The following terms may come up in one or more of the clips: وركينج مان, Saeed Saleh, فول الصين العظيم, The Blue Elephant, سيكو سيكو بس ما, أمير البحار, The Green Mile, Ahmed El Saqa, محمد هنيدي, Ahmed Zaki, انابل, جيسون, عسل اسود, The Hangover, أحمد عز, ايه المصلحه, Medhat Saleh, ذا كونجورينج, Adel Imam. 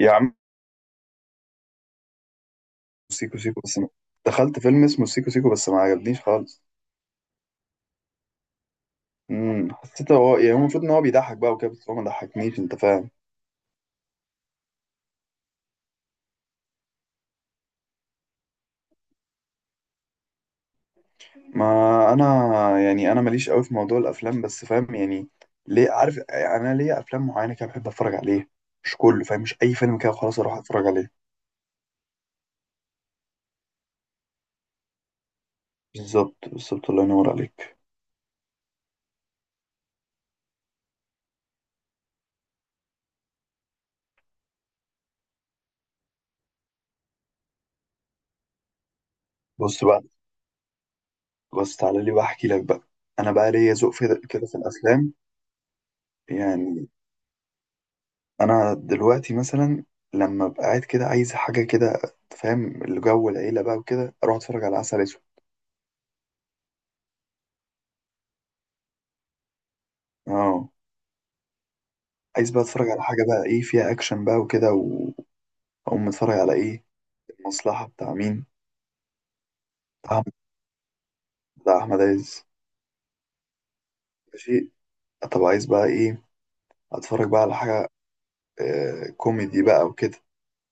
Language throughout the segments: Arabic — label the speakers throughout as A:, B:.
A: يا عم سيكو سيكو بس ما. دخلت فيلم اسمه سيكو سيكو بس ما عجبنيش خالص. حسيت هو هو المفروض ان هو بيضحك بقى وكده، بس هو ما ضحكنيش، انت فاهم. ما انا يعني انا ماليش قوي في موضوع الافلام، بس فاهم يعني، ليه؟ عارف يعني انا ليا افلام معينه كده بحب اتفرج عليها، مش كله فاهم، مش اي فيلم كده خلاص اروح اتفرج عليه. بالظبط بالظبط، الله ينور عليك. بص بقى، بص تعالى لي بقى احكي لك بقى. انا بقى ليا ذوق كده في الافلام. يعني انا دلوقتي مثلا لما ابقى قاعد كده عايز حاجه كده، فاهم الجو العيله بقى وكده، اروح اتفرج على عسل اسود. اه، عايز بقى اتفرج على حاجه بقى ايه فيها اكشن بقى وكده واقوم اتفرج على ايه؟ المصلحه بتاع مين؟ بتاع أحمد- بتاع احمد عز. ماشي، طب عايز بقى ايه؟ اتفرج بقى على حاجه آه كوميدي بقى وكده،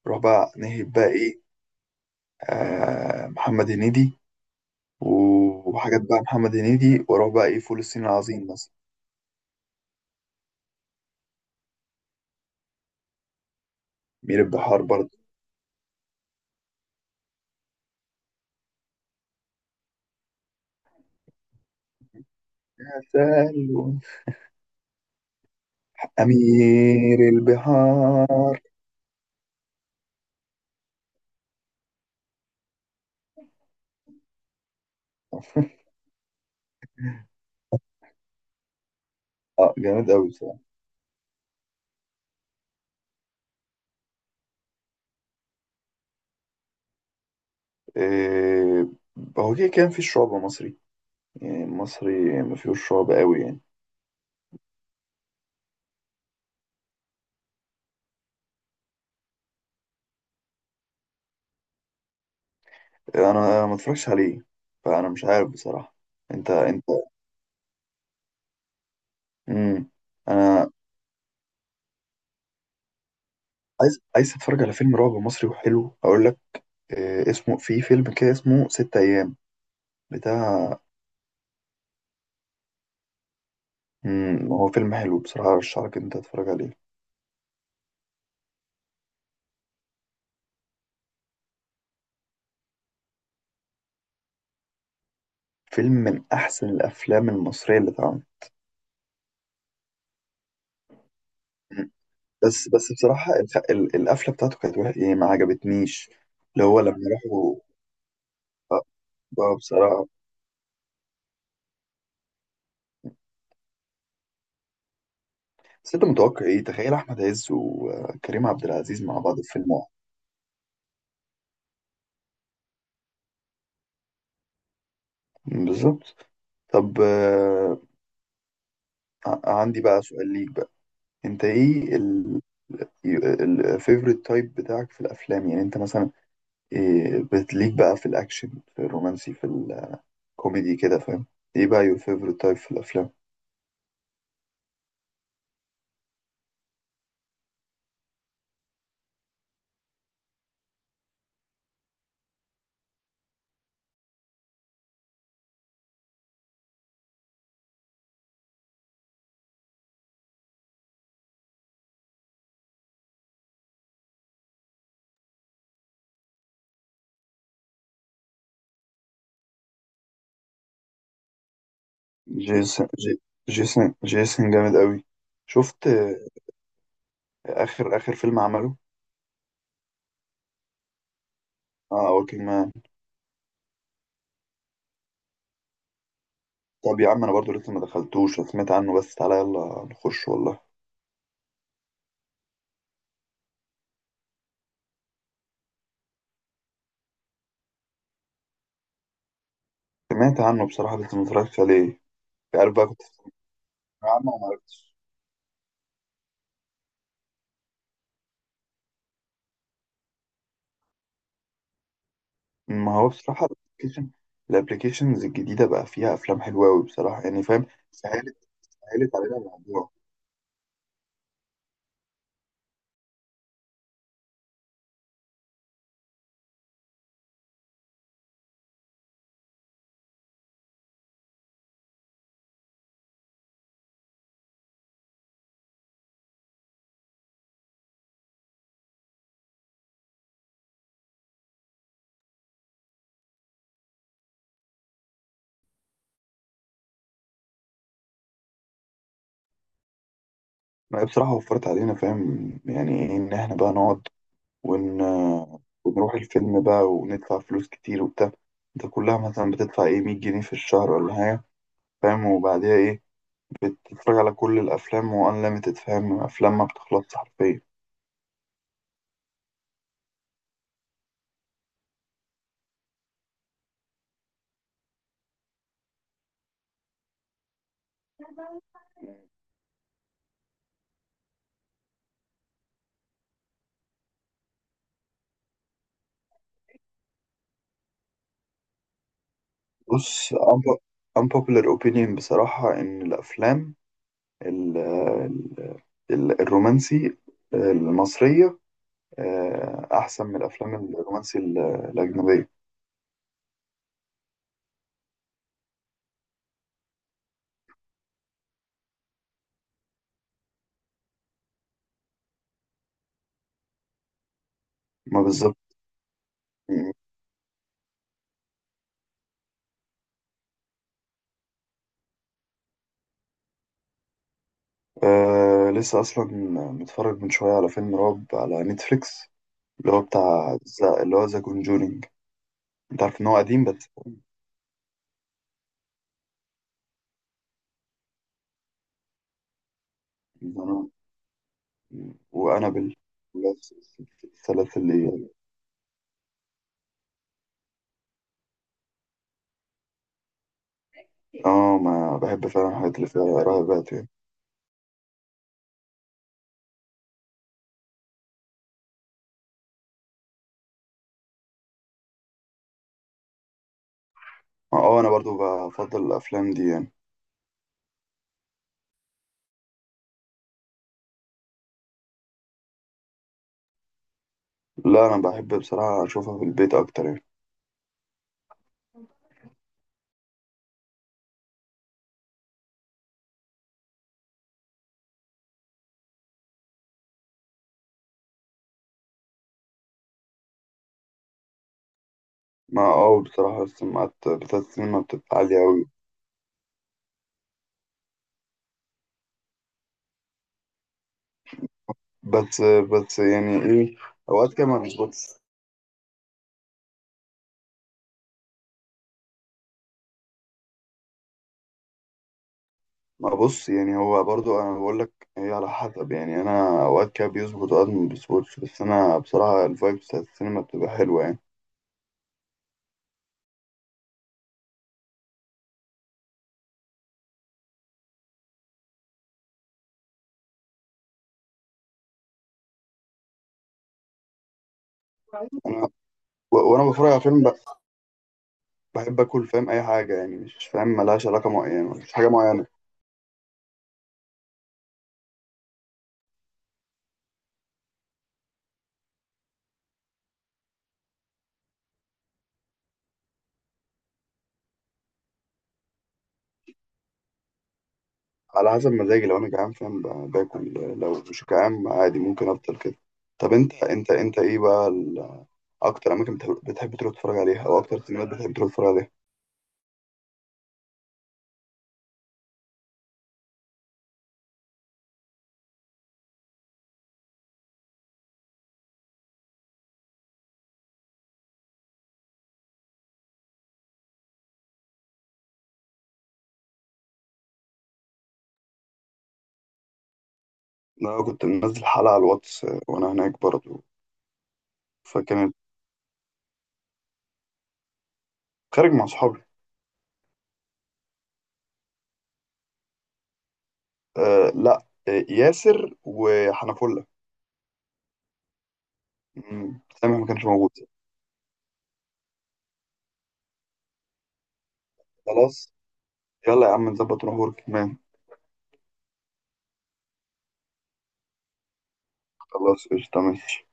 A: اروح بقى نهب بقى ايه؟ آه محمد هنيدي، وحاجات بقى محمد هنيدي، واروح بقى ايه؟ فول الصين العظيم مثلا. مير البحار، برضه أمير البحار. اه جامد أوي بصراحة. إيه، هو كده كان في شعب مصري، يعني مصري ما فيهوش شعب أوي يعني. أنا ما اتفرجش عليه، فأنا مش عارف بصراحة. أنت مم. أنا عايز، عايز أتفرج على فيلم رعب مصري وحلو، أقول لك إيه اسمه، في فيلم كده اسمه ست أيام، بتاع. هو فيلم حلو بصراحة، أرشحلك إن أنت تتفرج عليه. فيلم من أحسن الأفلام المصرية اللي اتعملت. بس بصراحة القفلة بتاعته كانت وحشة يعني ما عجبتنيش. اللي هو لما راحوا، آه، بصراحة. بس انت متوقع ايه؟ تخيل احمد عز وكريم عبد العزيز مع بعض في فيلم واحد. بالظبط. طب عندي بقى سؤال ليك بقى. انت ايه الفيفوريت تايب بتاعك في الافلام؟ يعني انت مثلا إيه بتليك بقى؟ في الاكشن، في الرومانسي، في الكوميدي كده، فاهم؟ ايه بقى يور فيفوريت تايب في الافلام؟ جيسون جي- جيسون جامد قوي. شفت اخر اخر فيلم عمله؟ اه، وركينج مان. طب يا عم انا برضو لسه ما دخلتوش، أنا سمعت عنه بس، تعالى يلا نخش والله. سمعت عنه بصراحة بس ما اتفرجتش عليه. عارف بقى، كنت سامع عنه وما عرفتش. ما هو بصراحة الابلكيشنز الجديدة بقى فيها افلام حلوة قوي بصراحة، يعني فاهم سهلت، سهلت علينا الموضوع. ما هي بصراحة وفرت علينا، فاهم يعني إيه إن إحنا بقى نقعد، ون... ونروح الفيلم بقى وندفع فلوس كتير وبتاع. انت كلها مثلا بتدفع ايه، 100 جنيه في الشهر ولا حاجة، فاهم؟ وبعديها ايه؟ بتتفرج على كل الأفلام وأنليمتد، فاهم؟ أفلام ما بتخلصش حرفيا. بص unpopular opinion بصراحة، إن الأفلام ال ال الرومانسي المصرية أحسن من الأفلام الرومانسي الأجنبية. ما بالظبط. آه لسه اصلا متفرج من شويه على فيلم رعب على نتفليكس، اللي هو بتاع زا، اللي هو ذا كونجورينج. انت عارف ان هو قديم بس. زمان. وانابل، بس السلاسل اللي، اه ما بحب فعلا الحاجات اللي فيها رهبات يعني. اه، انا برضو بفضل الافلام دي يعني. لا انا بحب بصراحه اشوفها في البيت اكتر يعني. ما اه بصراحه السماعات بتاعت السينما بتبقى عاليه قوي. بس يعني ايه، اوقات كده ما بيظبطش. ما بص يعني هو برضو انا بقول لك هي على حسب، يعني انا اوقات كده بيظبط اوقات ما بيظبطش، بس انا بصراحه الفايبس بتاعت السينما بتبقى حلوه يعني. انا وانا بتفرج على فيلم بحب اكل فاهم اي حاجه، يعني مش فاهم ملهاش علاقه معينه، مش حاجه معينه. على حسب مزاجي، لو انا جعان فاهم باكل، لو مش جعان عادي ممكن افضل كده. طب انت ايه بقى اكتر اماكن بتحب تروح تتفرج عليها، او اكتر سينمات بتحب تروح تتفرج عليها؟ انا كنت منزل حلقه على الواتس وانا هناك برضو. فكانت خارج مع صحابي. آه لا، آه ياسر وحنفلة. مم، سامح ما كانش موجود. خلاص، يلا يا عم نظبط نروح ورك مان. خلاص قشطة ماشي.